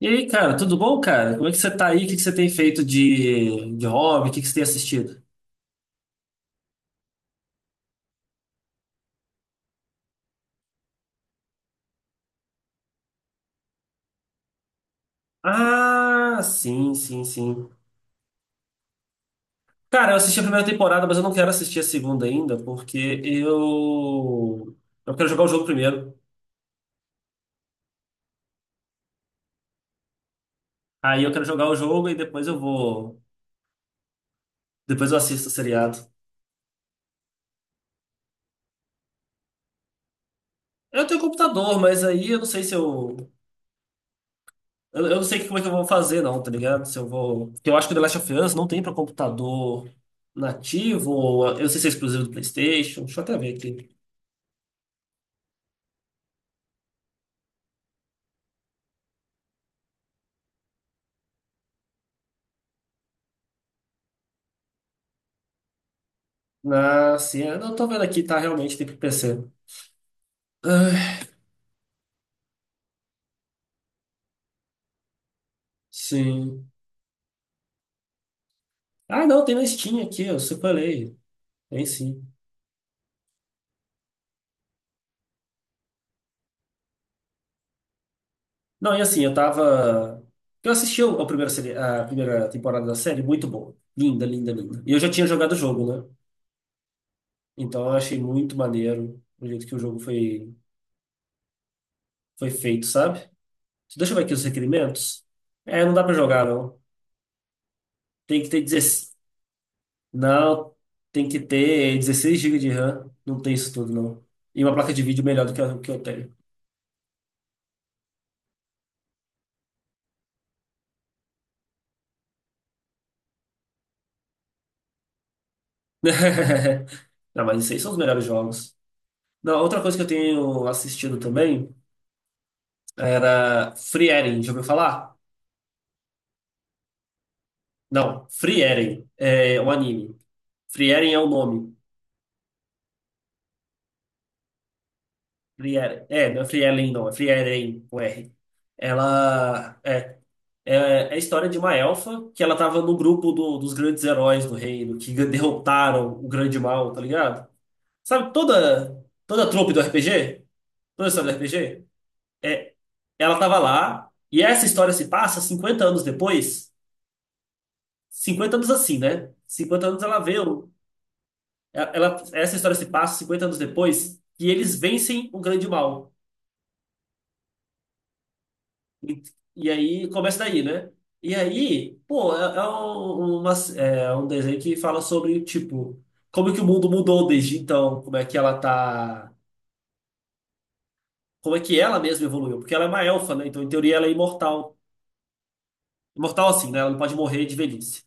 E aí, cara, tudo bom, cara? Como é que você tá aí? O que que você tem feito de hobby? O que que você tem assistido? Ah, sim, sim, sim. Cara, eu assisti a primeira temporada, mas eu não quero assistir a segunda ainda, porque eu. Eu quero jogar o jogo primeiro. Aí eu quero jogar o jogo e depois eu vou. Depois eu assisto o seriado. Eu tenho computador, mas aí eu não sei se eu. Eu não sei como é que eu vou fazer, não, tá ligado? Se eu vou. Porque eu acho que o The Last of Us não tem pra computador nativo, ou eu não sei se é exclusivo do PlayStation. Deixa eu até ver aqui. Ah, sim. Eu não tô vendo aqui, tá? Realmente tem pro PC. Ah, sim. Ah, não, tem na Steam aqui, eu separei. Tem sim. Não, e assim, eu tava. Eu assisti a primeira, a primeira temporada da série, muito boa. Linda, linda, linda. E eu já tinha jogado o jogo, né? Então eu achei muito maneiro o jeito que o jogo foi feito, sabe? Deixa eu ver aqui os requerimentos. É, não dá pra jogar, não. Tem que ter 16. Não, tem que ter 16 gigas de RAM. Não tem isso tudo, não. E uma placa de vídeo melhor do que a que eu tenho. Não, mas isso aí são os melhores jogos. Não, outra coisa que eu tenho assistido também era Free Eren, já ouviu falar? Não, Free Eren é um anime. Free Eren é o nome. Free Eren. É, não é Free Eren, não, é Free Eren com R. Ela é, é a história de uma elfa que ela tava no grupo dos grandes heróis do reino, que derrotaram o grande mal, tá ligado? Sabe toda a trope do RPG? Toda a história do RPG? Ela estava lá, e essa história se passa 50 anos depois. 50 anos assim, né? 50 anos ela vê. Essa história se passa 50 anos depois, e eles vencem o grande mal. E, e aí começa daí, né? E aí, pô, é um desenho que fala sobre, tipo, como que o mundo mudou desde então, como é que ela tá. Como é que ela mesma evoluiu? Porque ela é uma elfa, né? Então, em teoria, ela é imortal. Imortal assim, né? Ela não pode morrer de velhice.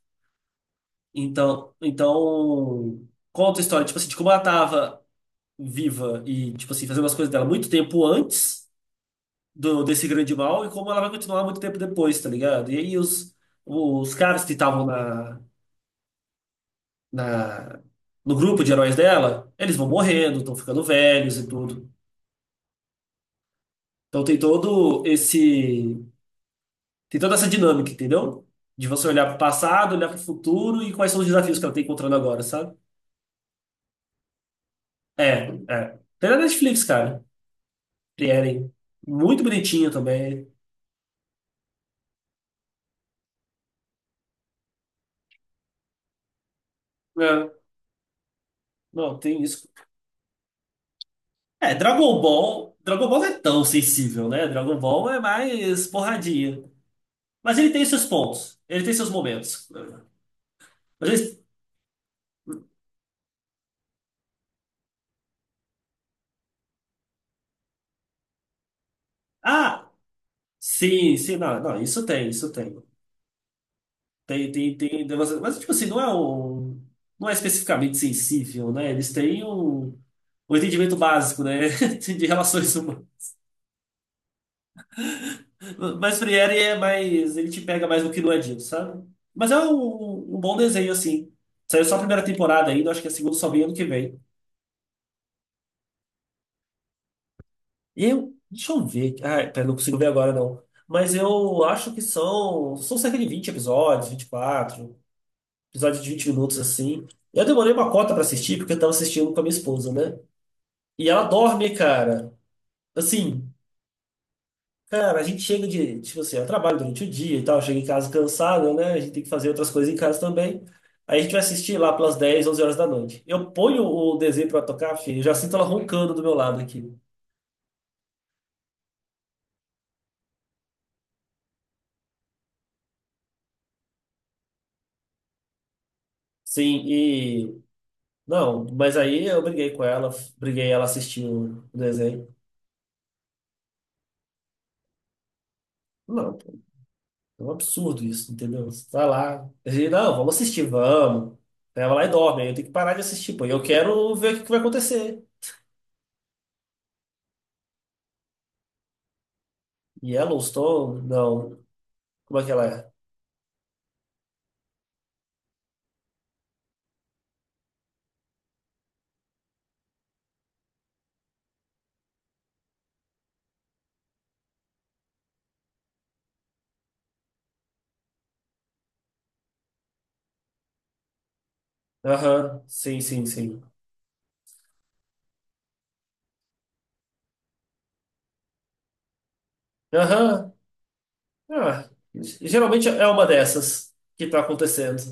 Então conta a história, tipo assim, de como ela tava viva e, tipo assim, fazendo as coisas dela muito tempo antes do desse grande mal e como ela vai continuar muito tempo depois, tá ligado? E aí os caras que estavam na, no grupo de heróis dela, eles vão morrendo, estão ficando velhos e tudo. Então tem todo esse, tem toda essa dinâmica, entendeu? De você olhar pro passado, olhar pro futuro e quais são os desafios que ela tá encontrando agora, sabe? É, é. Tem na Netflix, cara. Eren. Muito bonitinho também. É, não, tem isso. É, Dragon Ball. Dragon Ball não é tão sensível, né? Dragon Ball é mais porradinha. Mas ele tem seus pontos. Ele tem seus momentos. Às vezes- Ah, sim, sim, não, não, isso tem, isso tem. Tem, tem, tem. Mas, tipo assim, não é um. Não é especificamente sensível, né? Eles têm um entendimento básico, né? De relações. Mas Friere é mais. Ele te pega mais do que no Edinho, sabe? Mas é um bom desenho, assim. Saiu só a primeira temporada ainda, acho que a segunda só vem ano que vem. E eu. Deixa eu ver. Ah, pera, não consigo ver agora, não. Mas eu acho que são. São cerca de 20 episódios, 24 episódio de 20 minutos, assim. Eu demorei uma cota pra assistir, porque eu tava assistindo com a minha esposa, né? E ela dorme, cara. Assim, cara, a gente chega de, tipo assim, eu trabalho durante o dia e tal, chega em casa cansado, né? A gente tem que fazer outras coisas em casa também. Aí a gente vai assistir lá pelas 10 11 horas da noite. Eu ponho o desenho pra tocar, filho, eu já sinto ela roncando do meu lado aqui. Sim, e. Não, mas aí eu briguei com ela, briguei ela assistiu o desenho. Não, pô, é um absurdo isso, entendeu? Você vai lá, a gente, não, vamos assistir, vamos. Aí ela vai lá e dorme, aí eu tenho que parar de assistir, pô, e eu quero ver o que que vai acontecer. Yellowstone? Não. Como é que ela é? Aham, sim, sim, sim. Aham, ah, geralmente é uma dessas que tá acontecendo.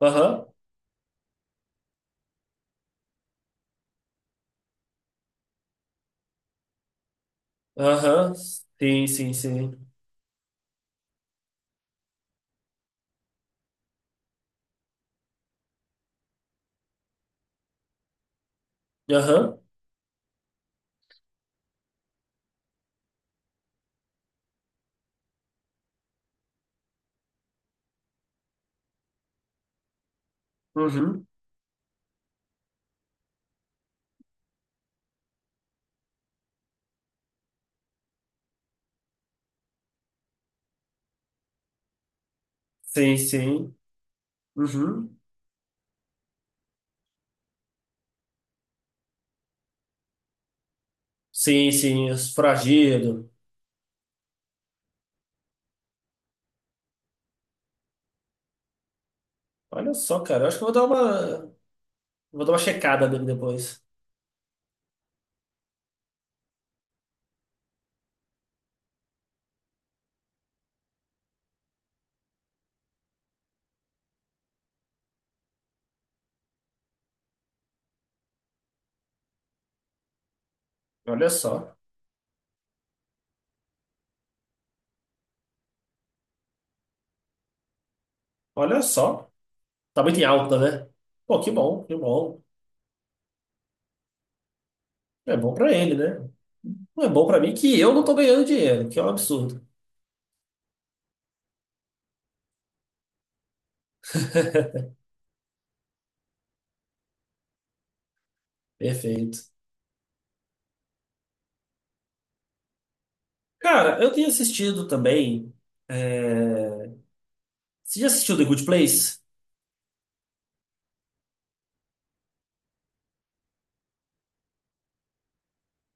Aham, aham, sim, sim, sim. Aham, uhum, sim, sim, uhum, sim, sim, os foragido. Olha só, cara, eu acho que eu vou dar uma checada nele depois. Olha só, olha só, tá muito em alta, né? Pô, que bom, que bom. É bom pra ele, né? Não é bom pra mim que eu não tô ganhando dinheiro, que é um absurdo. Perfeito. Cara, eu tenho assistido também. É, você já assistiu The Good Place?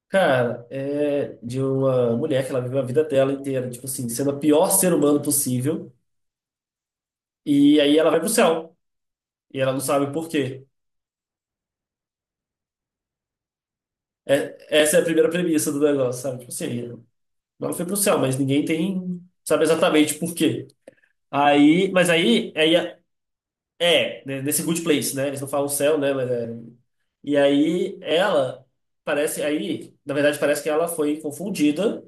Cara, é de uma mulher que ela viveu a vida dela inteira, tipo assim, sendo a pior ser humano possível. E aí ela vai pro céu. E ela não sabe por quê. É, essa é a primeira premissa do negócio, sabe? Tipo assim, ela foi pro céu, mas ninguém tem, sabe exatamente por quê. Aí, mas aí, aí é, né, nesse Good Place, né? Eles não falam céu, né? Mas é- E aí ela parece aí, na verdade parece que ela foi confundida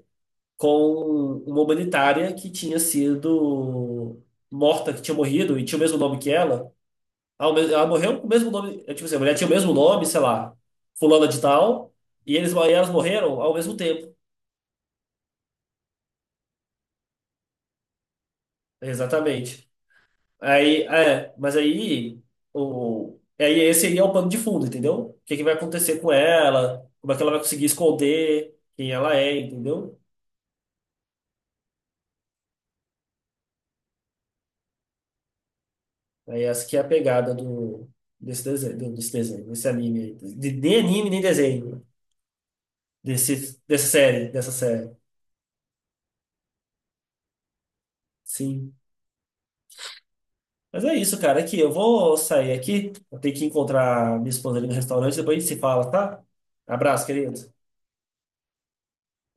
com uma humanitária que tinha sido morta, que tinha morrido e tinha o mesmo nome que ela. Ela morreu com o mesmo nome, é, tipo assim, a mulher tinha o mesmo nome, sei lá, fulana de tal, e eles e elas morreram ao mesmo tempo. Exatamente. Aí, é, mas aí, aí esse seria o pano de fundo, entendeu? O que que vai acontecer com ela, como é que ela vai conseguir esconder quem ela é, entendeu? Aí essa que é a pegada do, desse desenho, desse desenho, desse anime aí. Nem anime, nem desenho. Desse, dessa série. Sim. Mas é isso, cara. Aqui, eu vou sair aqui. Eu tenho que encontrar minha esposa ali no restaurante, depois a gente se fala, tá? Abraço, querido.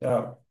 Tchau.